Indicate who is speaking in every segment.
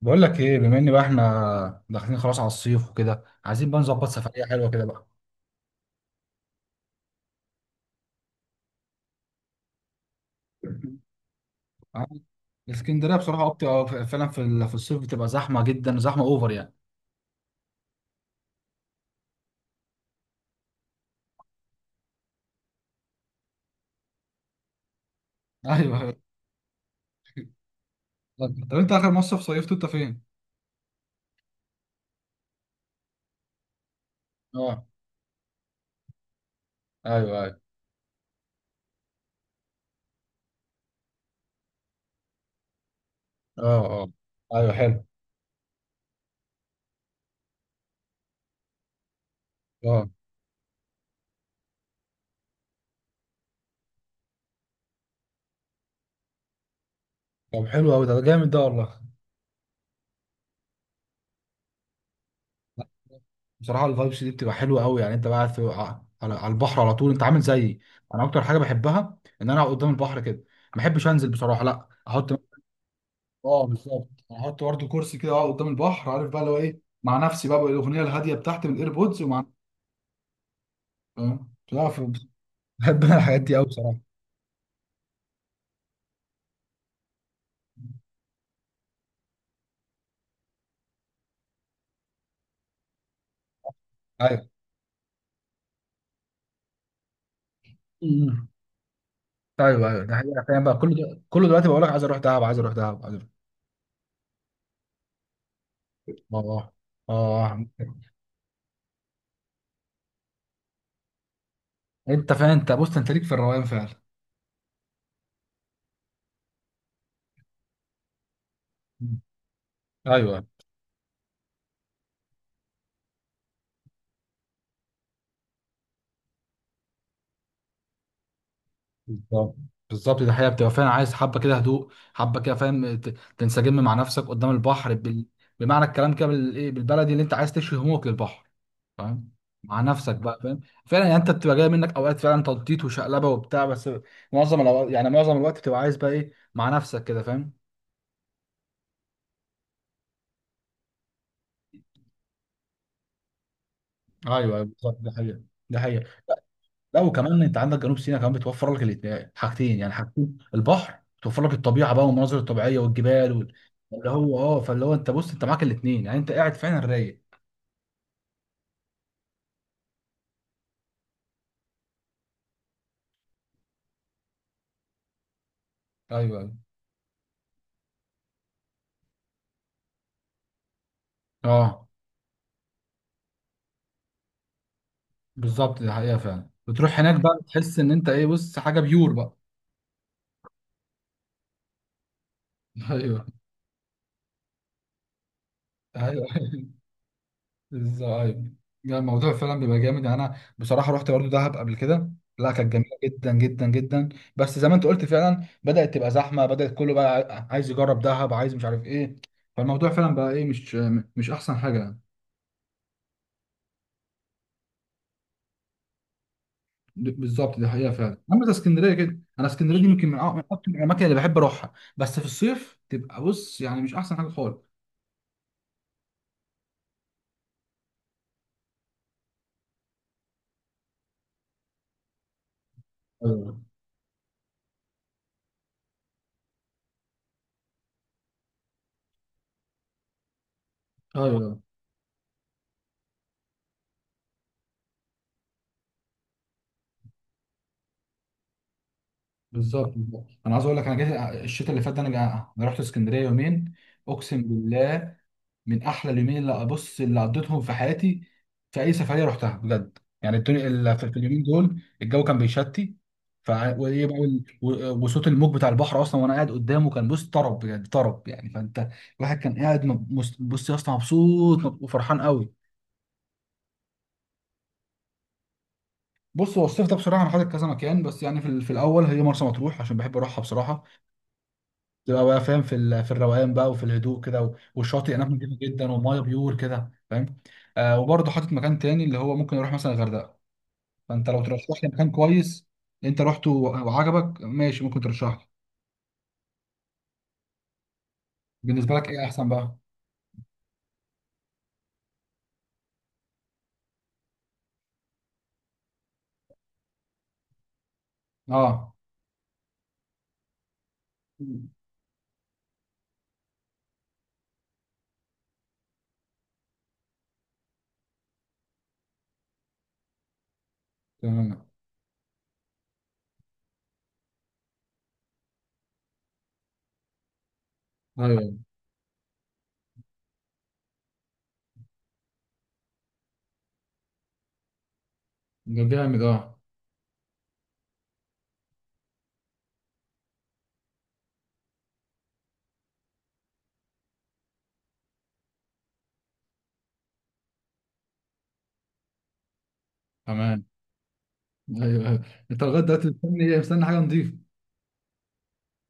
Speaker 1: بقول لك ايه، بما ان بقى احنا داخلين خلاص على الصيف وكده، عايزين بقى نظبط سفريه حلوه كده بقى. آه. الاسكندريه بصراحه فعلا في الصيف بتبقى زحمه جدا، زحمه اوفر يعني. ايوه. طب انت اخر مصيف صيفته انت فين؟ اه. ايوه ايوه. اه اه. ايوه حلو. اه، طب حلو قوي، ده جامد ده والله. بصراحه الفايبس دي بتبقى حلوه قوي يعني. انت بقى قاعد في على على البحر على طول؟ انت عامل زيي. انا اكتر حاجه بحبها ان انا اقعد قدام البحر كده. ما بحبش انزل بصراحه، لا، احط. اه بالظبط. احط برضه كرسي كده، اقعد قدام البحر، عارف بقى اللي هو ايه، مع نفسي بقى بالاغنيه الهاديه بتاعتي من الايربودز ومع، فاهم؟ بحب انا الحاجات دي قوي بصراحه. ايوه. أمم. ايوه ايوه، ده حقيقة. فاهم بقى كل ده، كل دلوقتي بقول لك عايز اروح دهب، عايز اروح دهب، عايز اروح. اه اه آه. انت فاهم؟ انت بص، انت ليك في الروقان فعلا. أمم. ايوه بالظبط، بالظبط، ده حقيقة بتبقى فعلا عايز حبه كده هدوء، حبه كده فاهم، تنسجم مع نفسك قدام البحر بمعنى الكلام كده، بالايه، بالبلدي، اللي انت عايز تشوي همومك للبحر، فاهم؟ مع نفسك بقى، فاهم؟ فعلا يعني انت بتبقى جاي منك اوقات فعلا تنطيط وشقلبه وبتاع، بس معظم الأوقات يعني، معظم الوقت بتبقى عايز بقى ايه، مع نفسك كده، فاهم؟ ايوه أيوة، بالظبط ده حقيقه، ده حقيقه. لا، وكمان انت عندك جنوب سيناء كمان، بتوفر لك الاتنين حاجتين يعني، حاجتين، البحر بتوفر لك، الطبيعه بقى والمناظر الطبيعيه والجبال اللي هو اه، فاللي هو انت بص، انت معاك الاتنين يعني، انت قاعد فعلا رايق. ايوه ايوه. اه بالظبط، دي حقيقه فعلا. بتروح هناك بقى تحس ان انت ايه، بص، حاجه بيور بقى. ايوه. ايوه. ازاي؟ يعني الموضوع فعلا بيبقى جامد. يعني انا بصراحه رحت برضو دهب قبل كده، لا كانت جميله جدا جدا جدا، بس زي ما انت قلت فعلا بدات تبقى زحمه، بدات كله بقى عايز يجرب دهب، عايز مش عارف ايه، فالموضوع فعلا بقى ايه، مش، مش احسن حاجه يعني. بالظبط دي حقيقه فعلا. اما زي اسكندريه كده، انا اسكندريه دي يمكن من من اكتر الاماكن اللي بحب اروحها، بس في الصيف تبقى بص يعني مش احسن حاجه خالص. ايوه ايوه. بالظبط، بالظبط. انا عايز اقول لك، انا جيت الشتاء اللي فات ده، انا انا رحت اسكندريه يومين، اقسم بالله من احلى اليومين اللي ابص، اللي قضيتهم في حياتي في اي سفريه رحتها بجد. يعني الدنيا اللي في، في اليومين دول الجو كان بيشتي، ف وإيه بقى ال- و- وصوت الموج بتاع البحر اصلا وانا قاعد قدامه كان بص طرب بجد، طرب يعني. فانت الواحد كان قاعد بص يا اسطى مبسوط، وفرحان قوي. بص، هو الصيف ده بصراحه انا حاطط كذا مكان، بس يعني في، في الاول هي مرسى مطروح عشان بحب اروحها بصراحه. تبقى بقى فاهم في في الروقان بقى، وفي الهدوء كده، والشاطئ هناك نضيف جدا، والميه بيور كده فاهم. آه، وبرضه حاطط مكان تاني اللي هو ممكن اروح مثلا الغردقه. فانت لو ترشح لي مكان كويس انت رحته وعجبك، ماشي، ممكن ترشح لي. بالنسبه لك ايه احسن بقى؟ اه. تمام. ايوه. ده جامد اه. تمام. ايوه أيوة. انت لغايه دلوقتي مستني ايه؟ مستني حاجه نضيفه.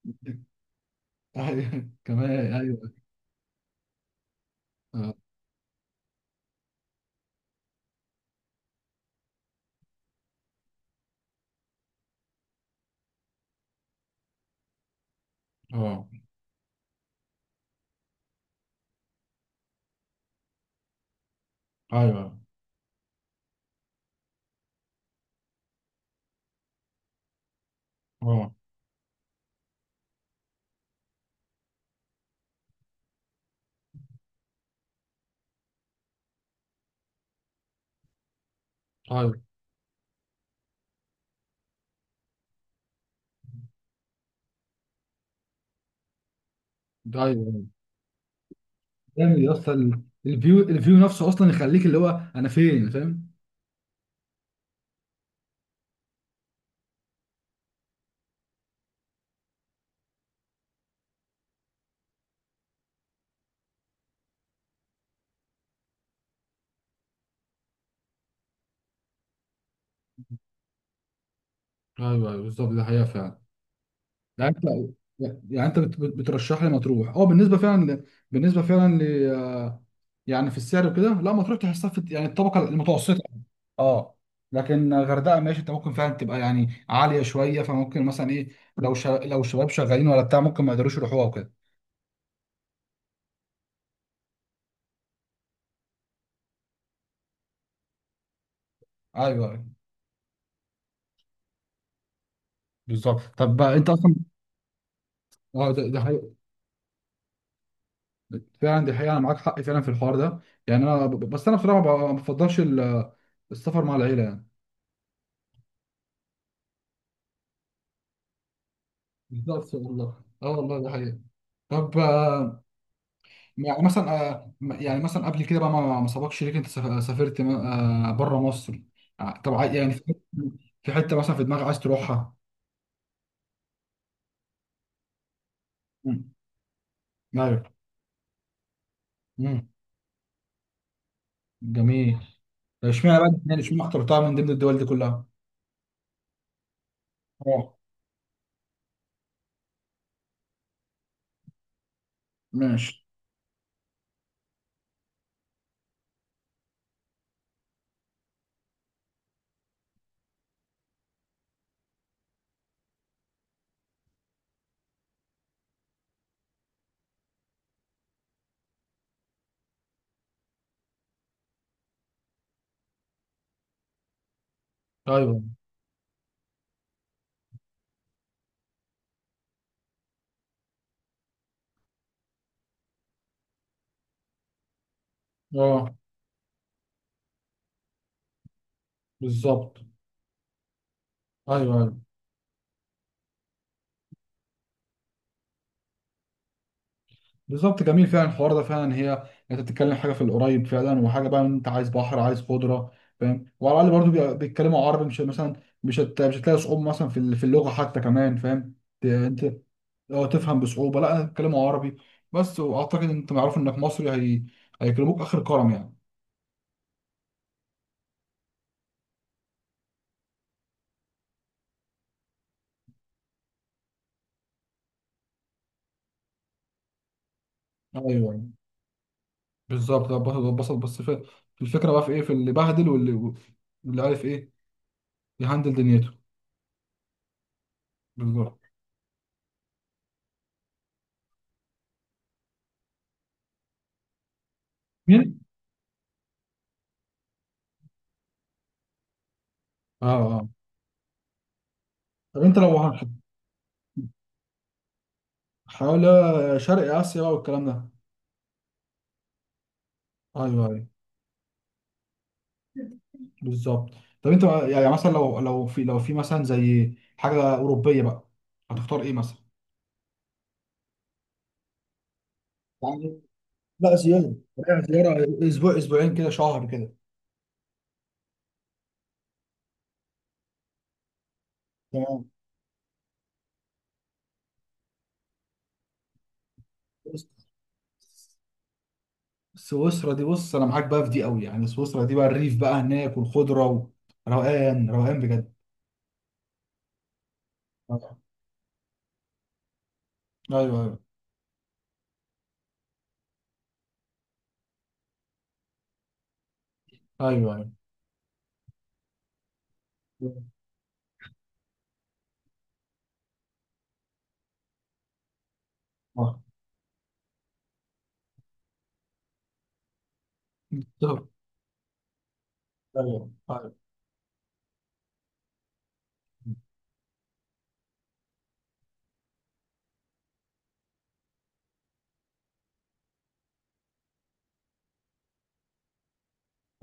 Speaker 1: ايوه كمان ايوه. اه آه. ايوه. اه. ايوه ايوه. جامد يا اسطى. الفيو، الفيو نفسه اصلا يخليك اللي هو انا فين، فاهم. ايوه ايوه بالظبط ده حقيقه فعلا. يعني انت، يعني انت بترشح لي مطروح، اه، بالنسبه فعلا بالنسبه فعلا ل، يعني في السعر وكده؟ لا، مطروح تحسها في يعني الطبقه المتوسطه. اه. لكن غردقه ماشي، انت ممكن فعلا تبقى يعني عاليه شويه، فممكن مثلا ايه، لو شباب شغالين ولا بتاع ممكن ما يقدروش يروحوها وكده. ايوه أيوة، بالظبط. طب بقى انت اصلا اه، ده ده حقيقي. فعلا دي حقيقة، أنا معاك حق فعلا في الحوار ده. يعني أنا بس أنا بصراحة ما بفضلش السفر مع العيلة يعني. بالظبط، والله اه، والله ده حقيقة. طب آه، يعني مثلا آه، يعني مثلا قبل كده بقى، ما ما سبقش ليك أنت سافرت بره مصر؟ آه، طب يعني في، في حتة مثلا في دماغك عايز تروحها؟ مم. أيوه. مم. جميل. طب اشمعنى بقى، يعني اشمعنى اخترتها من ضمن الدول دي كلها؟ اه. ماشي. ايوه. اه. بالظبط. ايوه أيوه. بالظبط. جميل فعلا الحوار ده. فعلا هي انت بتتكلم حاجه في القريب فعلا، وحاجه بقى انت عايز بحر، عايز خضره فاهم، وعلى الاقل برضو بيتكلموا عربي، مش مثلا مش هتلاقي صعوبه مثلا في في اللغه حتى كمان فاهم. انت لو تفهم بصعوبه، لا، بيتكلموا عربي بس، واعتقد ان انت معروف انك مصري، هيكلموك اخر الكرم يعني. ايوه. بالظبط. لا، بسط بسط، بس في، في الفكره بقى في ايه، في اللي بهدل واللي، واللي عارف ايه، يهندل دنيته. بالظبط. مين؟ اه اه. طب انت لو هنحط، حول شرق اسيا بقى والكلام ده. ايوه ايوه. بالظبط. طب انت بقى، يعني مثلا لو، لو في، لو في مثلا زي حاجه اوروبيه بقى، هتختار ايه مثلا؟ يعني لا زياره، لا زياره، اسبوع، اسبوعين كده، شهر كده. تمام. بص، سويسرا دي بص انا معاك بقى في دي قوي. يعني سويسرا دي بقى الريف بقى هناك والخضره وروقان، روقان بجد. ايوه ايوه. ايوه ايوه. اه، ايوه ايوه.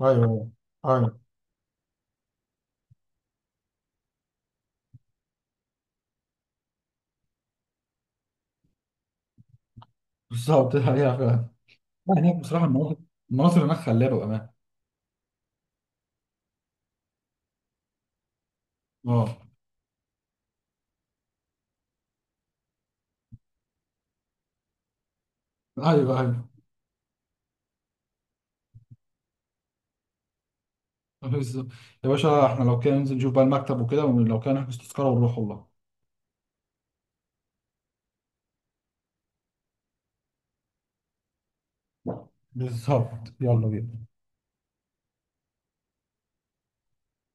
Speaker 1: ايوه ايوه. بالظبط. أيوه. يعني بصراحه المناطق، المناطق هناك خلابه بامانه. اه. ايوه ايوه. آه، بالظبط. يا باشا احنا لو كان ننزل نشوف بقى المكتب وكده، ولو كان نحجز تذكره ونروح والله. بالظبط، يلا بينا.